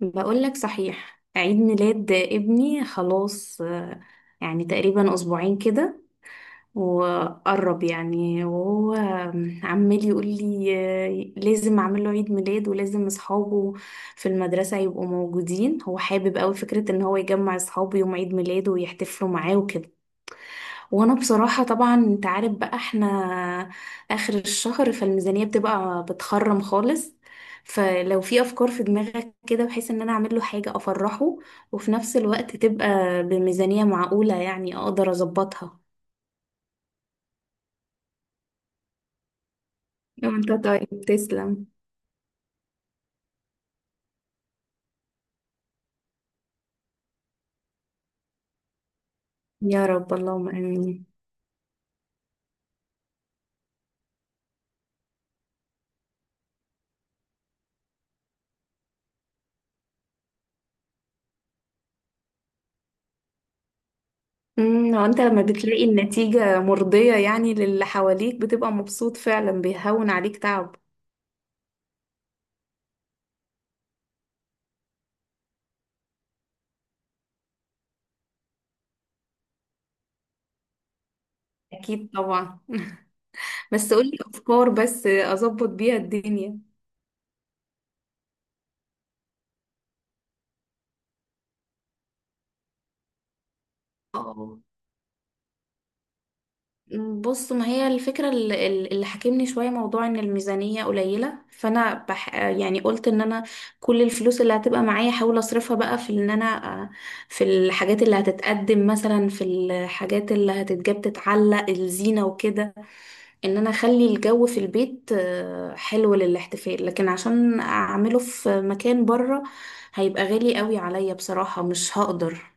بقولك صحيح، عيد ميلاد ابني خلاص، يعني تقريبا أسبوعين كده. وقرب يعني، وهو عمال يقول لي لازم أعمل له عيد ميلاد، ولازم أصحابه في المدرسة يبقوا موجودين. هو حابب أوي فكرة إن هو يجمع أصحابه يوم عيد ميلاده ويحتفلوا معاه. وانا بصراحة طبعا انت عارف بقى، احنا اخر الشهر فالميزانية بتبقى بتخرم خالص. فلو في افكار في دماغك كده بحيث ان انا اعمل له حاجة افرحه، وفي نفس الوقت تبقى بميزانية معقولة يعني اقدر اظبطها. وانت طيب تسلم. يا رب اللهم امين. وانت لما بتلاقي النتيجة مرضية يعني للي حواليك بتبقى مبسوط فعلا، بيهون عليك تعب. اكيد طبعا بس قولي افكار بس اظبط بيها الدنيا. بص، ما هي الفكرة اللي حاكمني شوية، موضوع ان الميزانية قليلة، فانا يعني قلت ان انا كل الفلوس اللي هتبقى معايا احاول اصرفها بقى في ان انا، في الحاجات اللي هتتقدم مثلا، في الحاجات اللي هتتجاب، تتعلق الزينة وكده، ان انا اخلي الجو في البيت حلو للاحتفال. لكن عشان اعمله في مكان بره هيبقى غالي قوي عليا بصراحة، مش هقدر.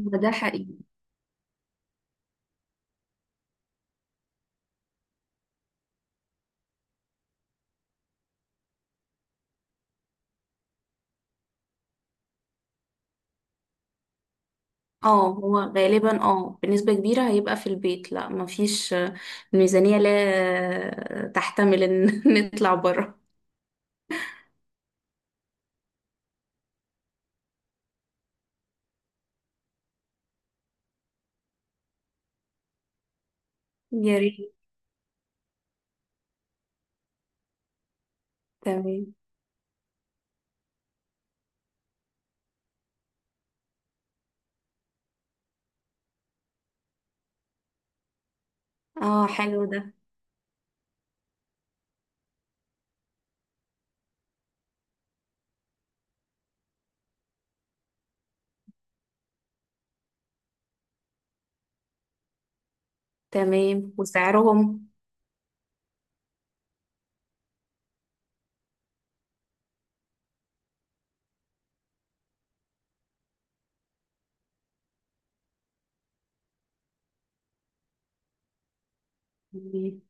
هو ده حقيقي. اه، هو غالبا اه بنسبة كبيرة هيبقى في البيت، لا مفيش الميزانية لا تحتمل ان نطلع بره. يا ريت. تمام. اه حلو ده. تمام، وسعرهم؟ تمام.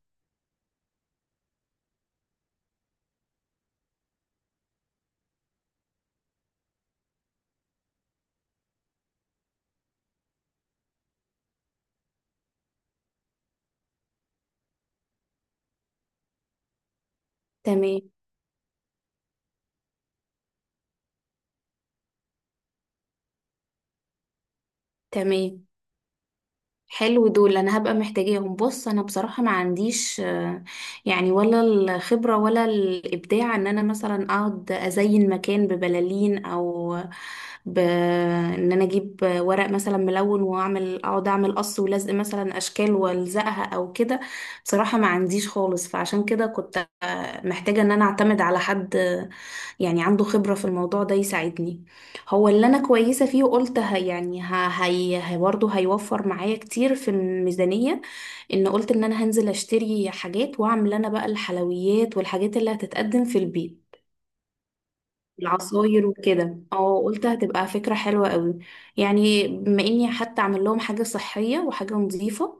تمام. تمام. حلو دول، انا هبقى محتاجاهم. بص انا بصراحة ما عنديش يعني، ولا الخبرة ولا الابداع ان انا مثلا اقعد ازين مكان ببلالين، او ان انا اجيب ورق مثلا ملون واعمل، اقعد اعمل قص ولزق مثلا اشكال والزقها او كده. بصراحة ما عنديش خالص، فعشان كده كنت محتاجة ان انا اعتمد على حد يعني عنده خبرة في الموضوع ده يساعدني. هو اللي انا كويسه فيه، وقلت هي يعني هي برضه هيوفر معايا كتير في الميزانيه. ان قلت ان انا هنزل اشتري حاجات، واعمل انا بقى الحلويات والحاجات اللي هتتقدم في البيت، العصاير وكده. اه قلت هتبقى فكره حلوه قوي، يعني بما اني حتى اعمل لهم حاجه صحيه وحاجه نظيفه.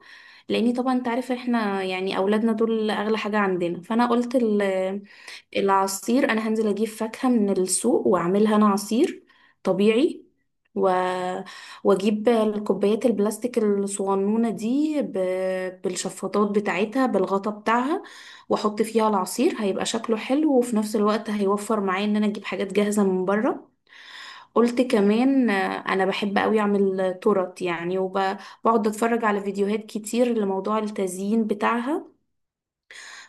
لاني طبعا انت عارف احنا يعني اولادنا دول اغلى حاجه عندنا. فانا قلت العصير انا هنزل اجيب فاكهة من السوق واعملها انا عصير طبيعي، و... واجيب الكوبايات البلاستيك الصغنونة دي بالشفاطات بتاعتها بالغطا بتاعها، واحط فيها العصير هيبقى شكله حلو، وفي نفس الوقت هيوفر معايا ان انا اجيب حاجات جاهزة من بره. قلت كمان انا بحب قوي اعمل تورت يعني، وبقعد اتفرج على فيديوهات كتير لموضوع التزيين بتاعها.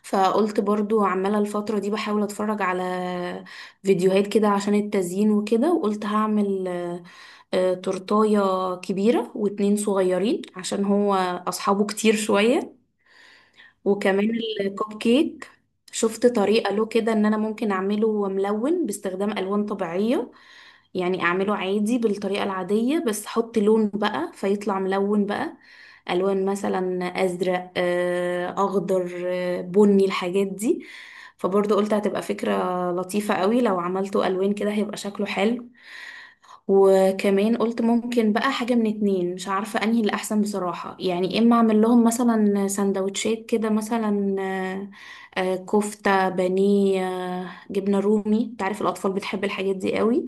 فقلت برضو عمالة الفترة دي بحاول اتفرج على فيديوهات كده عشان التزيين وكده، وقلت هعمل تورتاية كبيرة واتنين صغيرين عشان هو أصحابه كتير شوية. وكمان الكوب كيك، شفت طريقة له كده ان انا ممكن اعمله ملون باستخدام الوان طبيعية. يعني اعمله عادي بالطريقة العادية بس احط لون بقى فيطلع ملون بقى، الوان مثلا ازرق اخضر بني، الحاجات دي. فبرضه قلت هتبقى فكرة لطيفة قوي، لو عملته الوان كده هيبقى شكله حلو. وكمان قلت ممكن بقى حاجة من اتنين، مش عارفة انهي اللي احسن بصراحة، يعني اما اعمل لهم مثلا سندوتشات كده مثلا، كفتة بانيه، جبنة رومي، تعرف الاطفال بتحب الحاجات دي قوي،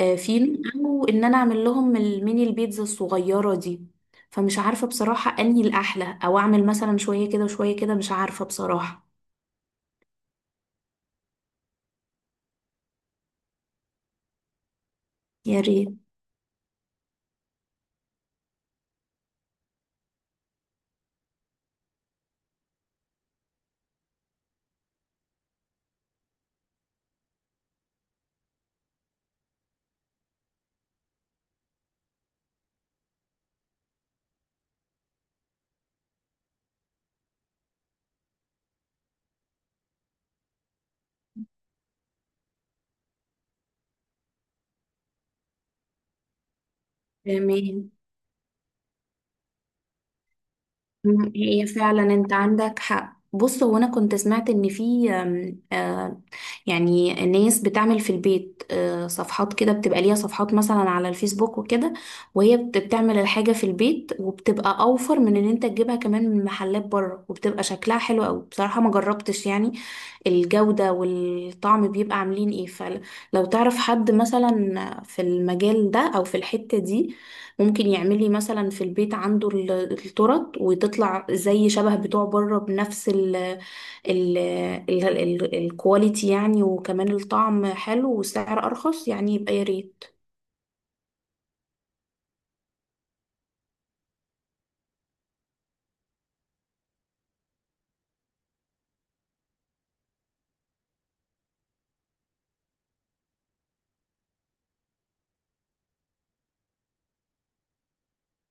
فينو، او ان انا اعمل لهم الميني البيتزا الصغيرة دي. فمش عارفة بصراحة انهي الاحلى، او اعمل مثلا شوية كده وشوية كده، مش عارفة بصراحة. يا ريت. تمام. هي فعلا انت عندك حق. بص، هو انا كنت سمعت ان في آم، آه، يعني ناس بتعمل في البيت صفحات كده، بتبقى ليها صفحات مثلا على الفيسبوك وكده، وهي بتعمل الحاجة في البيت، وبتبقى اوفر من ان انت تجيبها كمان من محلات بره، وبتبقى شكلها حلو قوي بصراحة. ما جربتش يعني الجودة والطعم بيبقى عاملين ايه. فلو تعرف حد مثلا في المجال ده او في الحتة دي، ممكن يعمل لي مثلا في البيت عنده الترط وتطلع زي شبه بتوع بره، بنفس ال ال ال ال الكواليتي يعني، وكمان الطعم حلو والسعر ارخص، يعني يبقى يا ريت.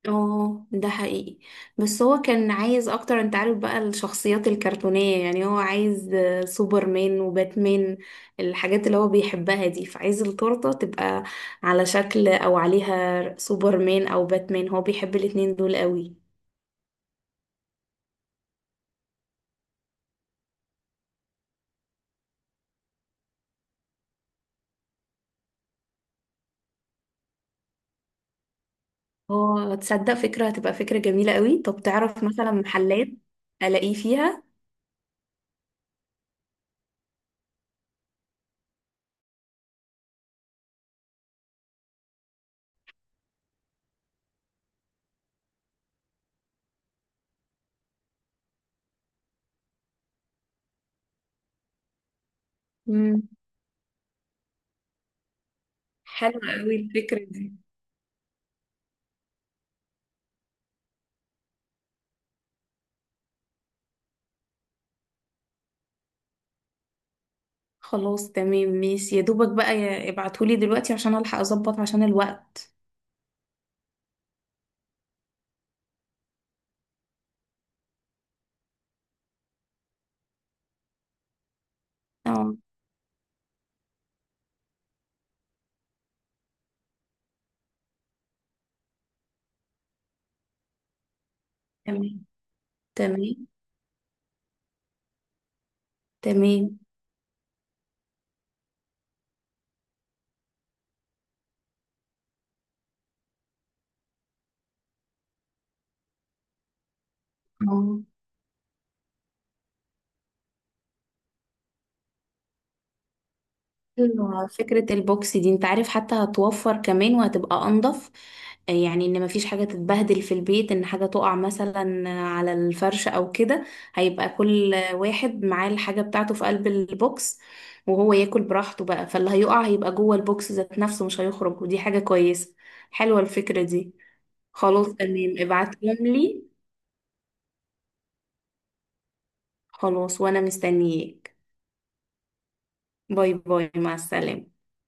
اه ده حقيقي. بس هو كان عايز اكتر، انت عارف بقى الشخصيات الكرتونية، يعني هو عايز سوبرمان وباتمان، الحاجات اللي هو بيحبها دي، فعايز التورتة تبقى على شكل او عليها سوبرمان او باتمان، هو بيحب الاتنين دول قوي. اه تصدق فكرة، هتبقى فكرة جميلة قوي. طب تعرف مثلا محلات الاقيه فيها؟ امم حلوة قوي الفكرة دي. خلاص تمام ماشي، يا دوبك بقى ابعتهولي دلوقتي عشان الحق اظبط عشان الوقت. اه تمام. تمام. تمام. اه. ايوه فكرة البوكس دي انت عارف حتى هتوفر كمان، وهتبقى انضف، يعني ان مفيش حاجة تتبهدل في البيت، ان حاجة تقع مثلا على الفرش او كده. هيبقى كل واحد معاه الحاجة بتاعته في قلب البوكس، وهو ياكل براحته بقى، فاللي هيقع هيبقى جوه البوكس ذات نفسه مش هيخرج، ودي حاجة كويسة. حلوة الفكرة دي. خلاص تمام، ابعتهم لي. خلاص وانا مستنياك. باي باي، مع السلامة.